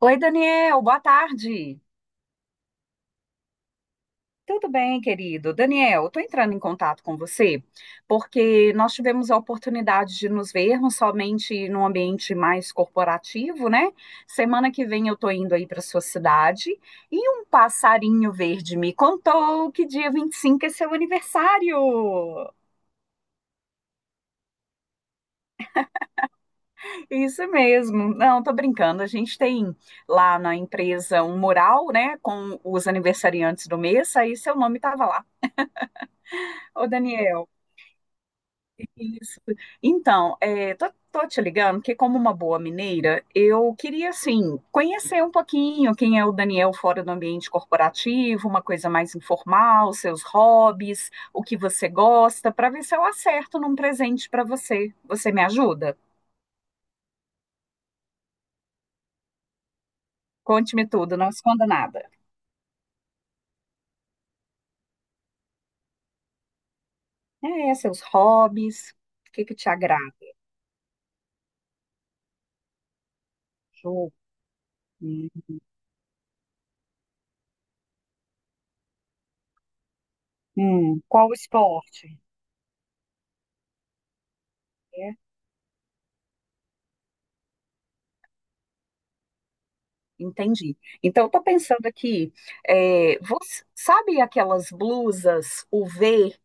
Oi, Daniel, boa tarde. Tudo bem, querido? Daniel, estou entrando em contato com você porque nós tivemos a oportunidade de nos vermos somente num ambiente mais corporativo, né? Semana que vem eu estou indo aí para sua cidade e um passarinho verde me contou que dia 25 é seu aniversário. Isso mesmo. Não, tô brincando. A gente tem lá na empresa um mural, né, com os aniversariantes do mês, aí seu nome estava lá. Ô, Daniel. Isso. Então, tô te ligando que, como uma boa mineira, eu queria, assim, conhecer um pouquinho quem é o Daniel fora do ambiente corporativo, uma coisa mais informal, seus hobbies, o que você gosta, para ver se eu acerto num presente para você. Você me ajuda? Conte-me tudo, não esconda nada. É, seus hobbies, o que que te agrada? Jogo? Hum, qual o esporte? É. Entendi. Então, estou pensando aqui, você, sabe aquelas blusas UV,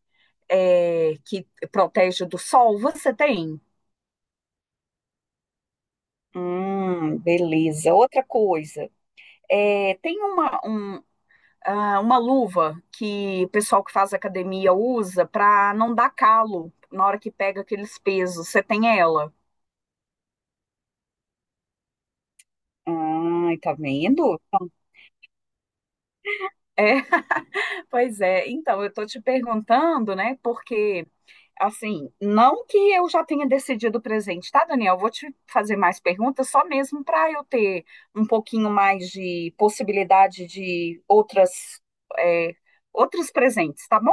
que protege do sol? Você tem? Beleza. Outra coisa, tem uma luva que o pessoal que faz academia usa para não dar calo na hora que pega aqueles pesos. Você tem ela? Ai, tá vendo? É, pois é. Então, eu tô te perguntando, né? Porque assim, não que eu já tenha decidido o presente, tá, Daniel? Vou te fazer mais perguntas, só mesmo para eu ter um pouquinho mais de possibilidade de outras, é, outros presentes, tá bom?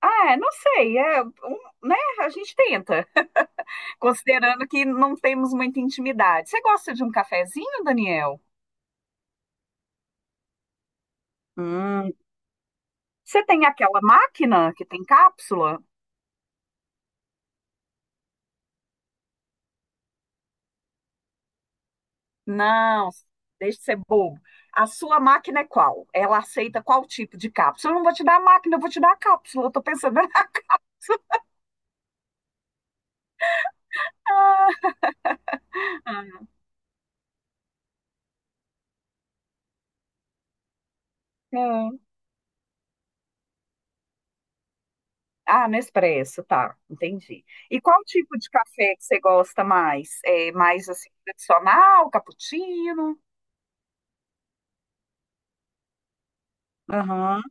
Ah, é, não sei, né? A gente tenta, considerando que não temos muita intimidade. Você gosta de um cafezinho, Daniel? Hum, você tem aquela máquina que tem cápsula? Não, deixa de ser bobo. A sua máquina é qual? Ela aceita qual tipo de cápsula? Eu não vou te dar a máquina, eu vou te dar a cápsula. Eu tô pensando na. Hum. Ah, Nespresso, tá, entendi. E qual tipo de café que você gosta mais? É mais assim tradicional, cappuccino? Aham.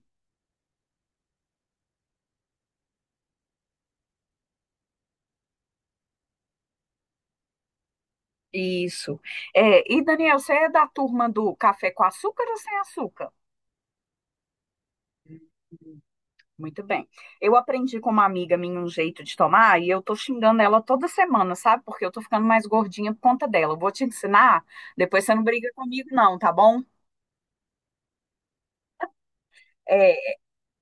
Isso. É, e Daniel, você é da turma do café com açúcar ou sem açúcar? Muito bem. Eu aprendi com uma amiga minha um jeito de tomar e eu tô xingando ela toda semana, sabe? Porque eu tô ficando mais gordinha por conta dela. Eu vou te ensinar, depois você não briga comigo, não, tá bom? É,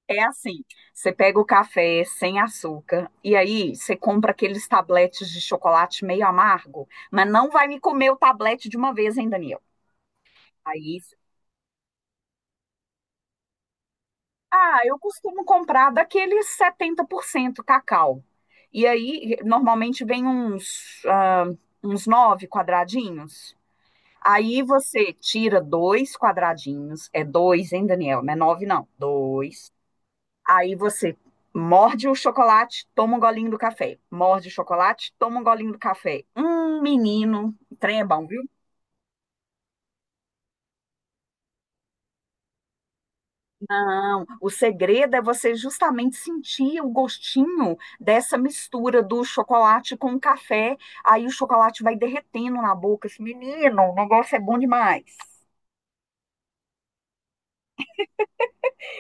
é assim: você pega o café sem açúcar e aí você compra aqueles tabletes de chocolate meio amargo, mas não vai me comer o tablete de uma vez, hein, Daniel? Aí ah, eu costumo comprar daqueles 70% cacau. E aí, normalmente vem uns uns 9 quadradinhos. Aí você tira dois quadradinhos, é dois, hein, Daniel? Não é 9, não, dois. Aí você morde o chocolate, toma um golinho do café. Morde o chocolate, toma um golinho do café. Menino, o trem é bom, viu? Não, o segredo é você justamente sentir o gostinho dessa mistura do chocolate com o café. Aí o chocolate vai derretendo na boca. Esse menino, o negócio é bom demais.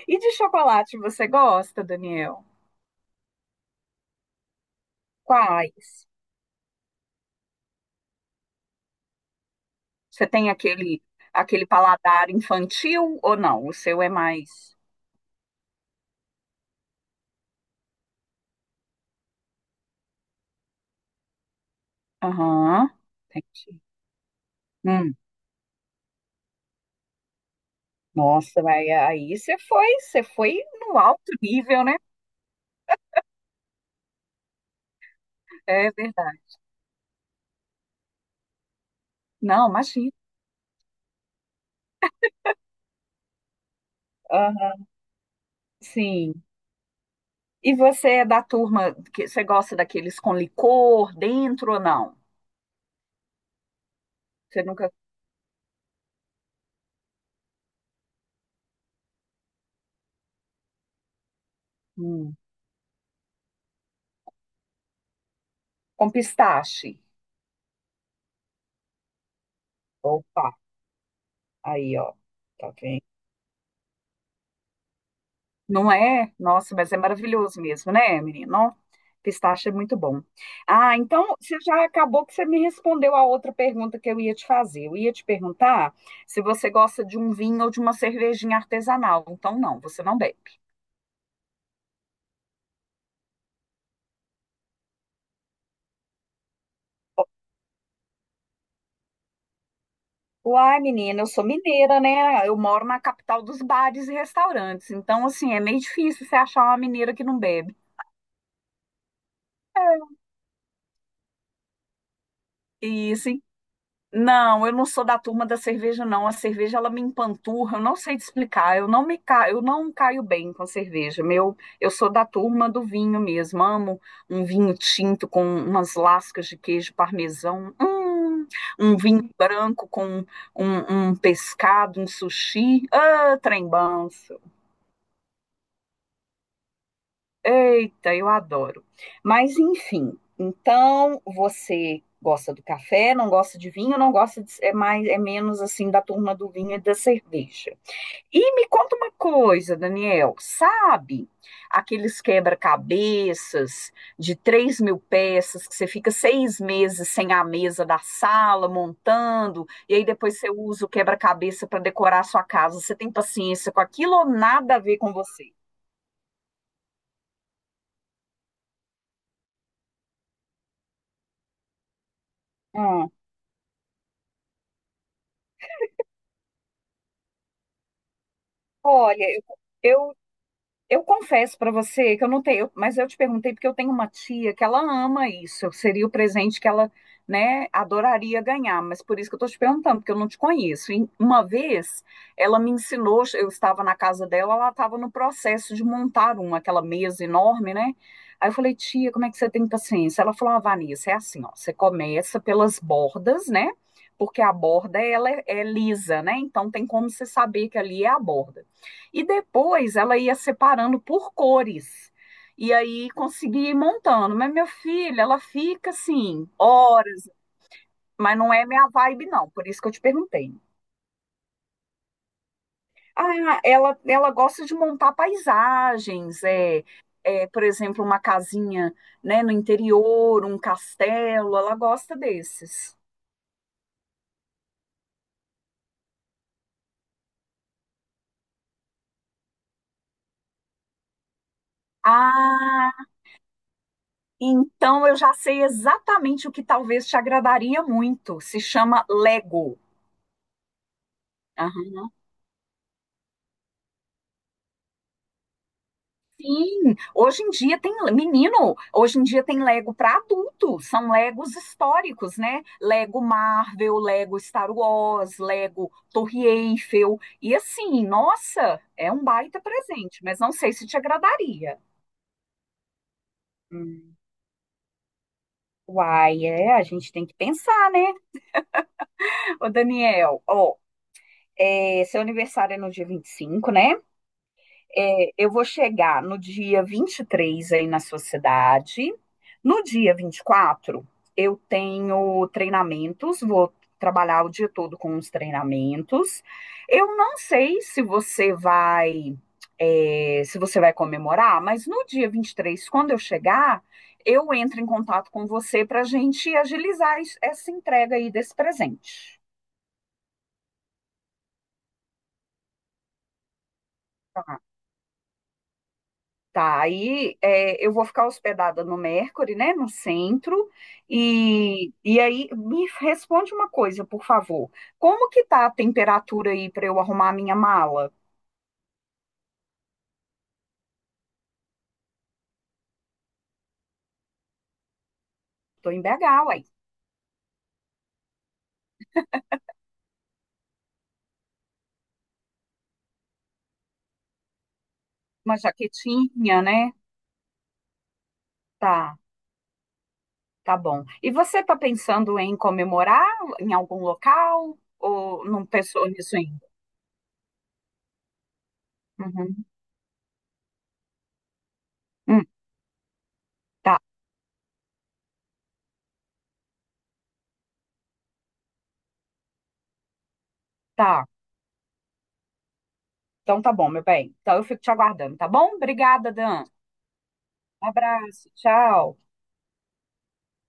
E de chocolate você gosta, Daniel? Quais? Você tem aquele paladar infantil ou não? O seu é mais. Aham, entendi. Hum, nossa, vai, você foi no alto nível, né? É verdade. Não, imagina. Aham, sim. E você é da turma que você gosta daqueles com licor dentro ou não? Você nunca. Hum, com pistache. Opa, aí, ó. Tá vendo? Não é? Nossa, mas é maravilhoso mesmo, né, menino? Ó, pistache é muito bom. Ah, então você já acabou que você me respondeu a outra pergunta que eu ia te fazer. Eu ia te perguntar se você gosta de um vinho ou de uma cervejinha artesanal. Então, não, você não bebe. Uai, menina, eu sou mineira, né? Eu moro na capital dos bares e restaurantes. Então, assim, é meio difícil você achar uma mineira que não bebe. E, assim, não, eu não sou da turma da cerveja, não. A cerveja, ela me empanturra, eu não sei te explicar. Eu não me ca... eu não caio bem com cerveja. Meu, eu sou da turma do vinho mesmo. Amo um vinho tinto com umas lascas de queijo parmesão. Um vinho branco com um pescado, um sushi. Ah, trem bom. Eita, eu adoro. Mas enfim, então você gosta do café, não gosta de vinho, não gosta de, é mais é menos assim da turma do vinho e da cerveja. E me conta uma coisa, Daniel, sabe aqueles quebra-cabeças de 3.000 peças que você fica 6 meses sem a mesa da sala montando e aí depois você usa o quebra-cabeça para decorar a sua casa? Você tem paciência com aquilo ou nada a ver com você? Hum, Olha, eu Eu confesso para você que eu não tenho, eu- mas eu te perguntei porque eu tenho uma tia que ela ama isso. Seria o presente que ela, né, adoraria ganhar, mas por isso que eu estou te perguntando, porque eu não te conheço. E uma vez ela me ensinou, eu estava na casa dela, ela estava no processo de montar uma, aquela mesa enorme, né? Aí eu falei, tia, como é que você tem paciência? Ela falou, ah, Vanessa, é assim, ó, você começa pelas bordas, né? Porque a borda ela é lisa, né? Então tem como você saber que ali é a borda. E depois ela ia separando por cores. E aí conseguia ir montando. Mas minha filha, ela fica assim, horas, mas não é minha vibe, não. Por isso que eu te perguntei. Ah, ela gosta de montar paisagens, por exemplo, uma casinha, né, no interior, um castelo, ela gosta desses. Ah, então eu já sei exatamente o que talvez te agradaria muito. Se chama Lego. Ah, sim, hoje em dia tem, menino, hoje em dia tem Lego para adulto, são Legos históricos, né? Lego Marvel, Lego Star Wars, Lego Torre Eiffel. E assim, nossa, é um baita presente, mas não sei se te agradaria. Hum, Uai, é, a gente tem que pensar, né? Ô, Daniel, ó, é, seu aniversário é no dia 25, né? É, eu vou chegar no dia 23 aí na sua cidade. No dia 24 eu tenho treinamentos, vou trabalhar o dia todo com os treinamentos. Eu não sei se você vai se você vai comemorar, mas no dia 23, quando eu chegar, eu entro em contato com você para a gente agilizar es- essa entrega aí desse presente. Tá? Tá, aí é, eu vou ficar hospedada no Mercury, né, no centro, e aí me responde uma coisa, por favor. Como que tá a temperatura aí para eu arrumar a minha mala? Tô em BH, uai. Uma jaquetinha, né? Tá, tá bom. E você tá pensando em comemorar em algum local ou não pensou nisso ainda? Uhum. Hum, tá, tá. Então tá bom, meu bem. Então eu fico te aguardando, tá bom? Obrigada, Dan. Abraço, tchau.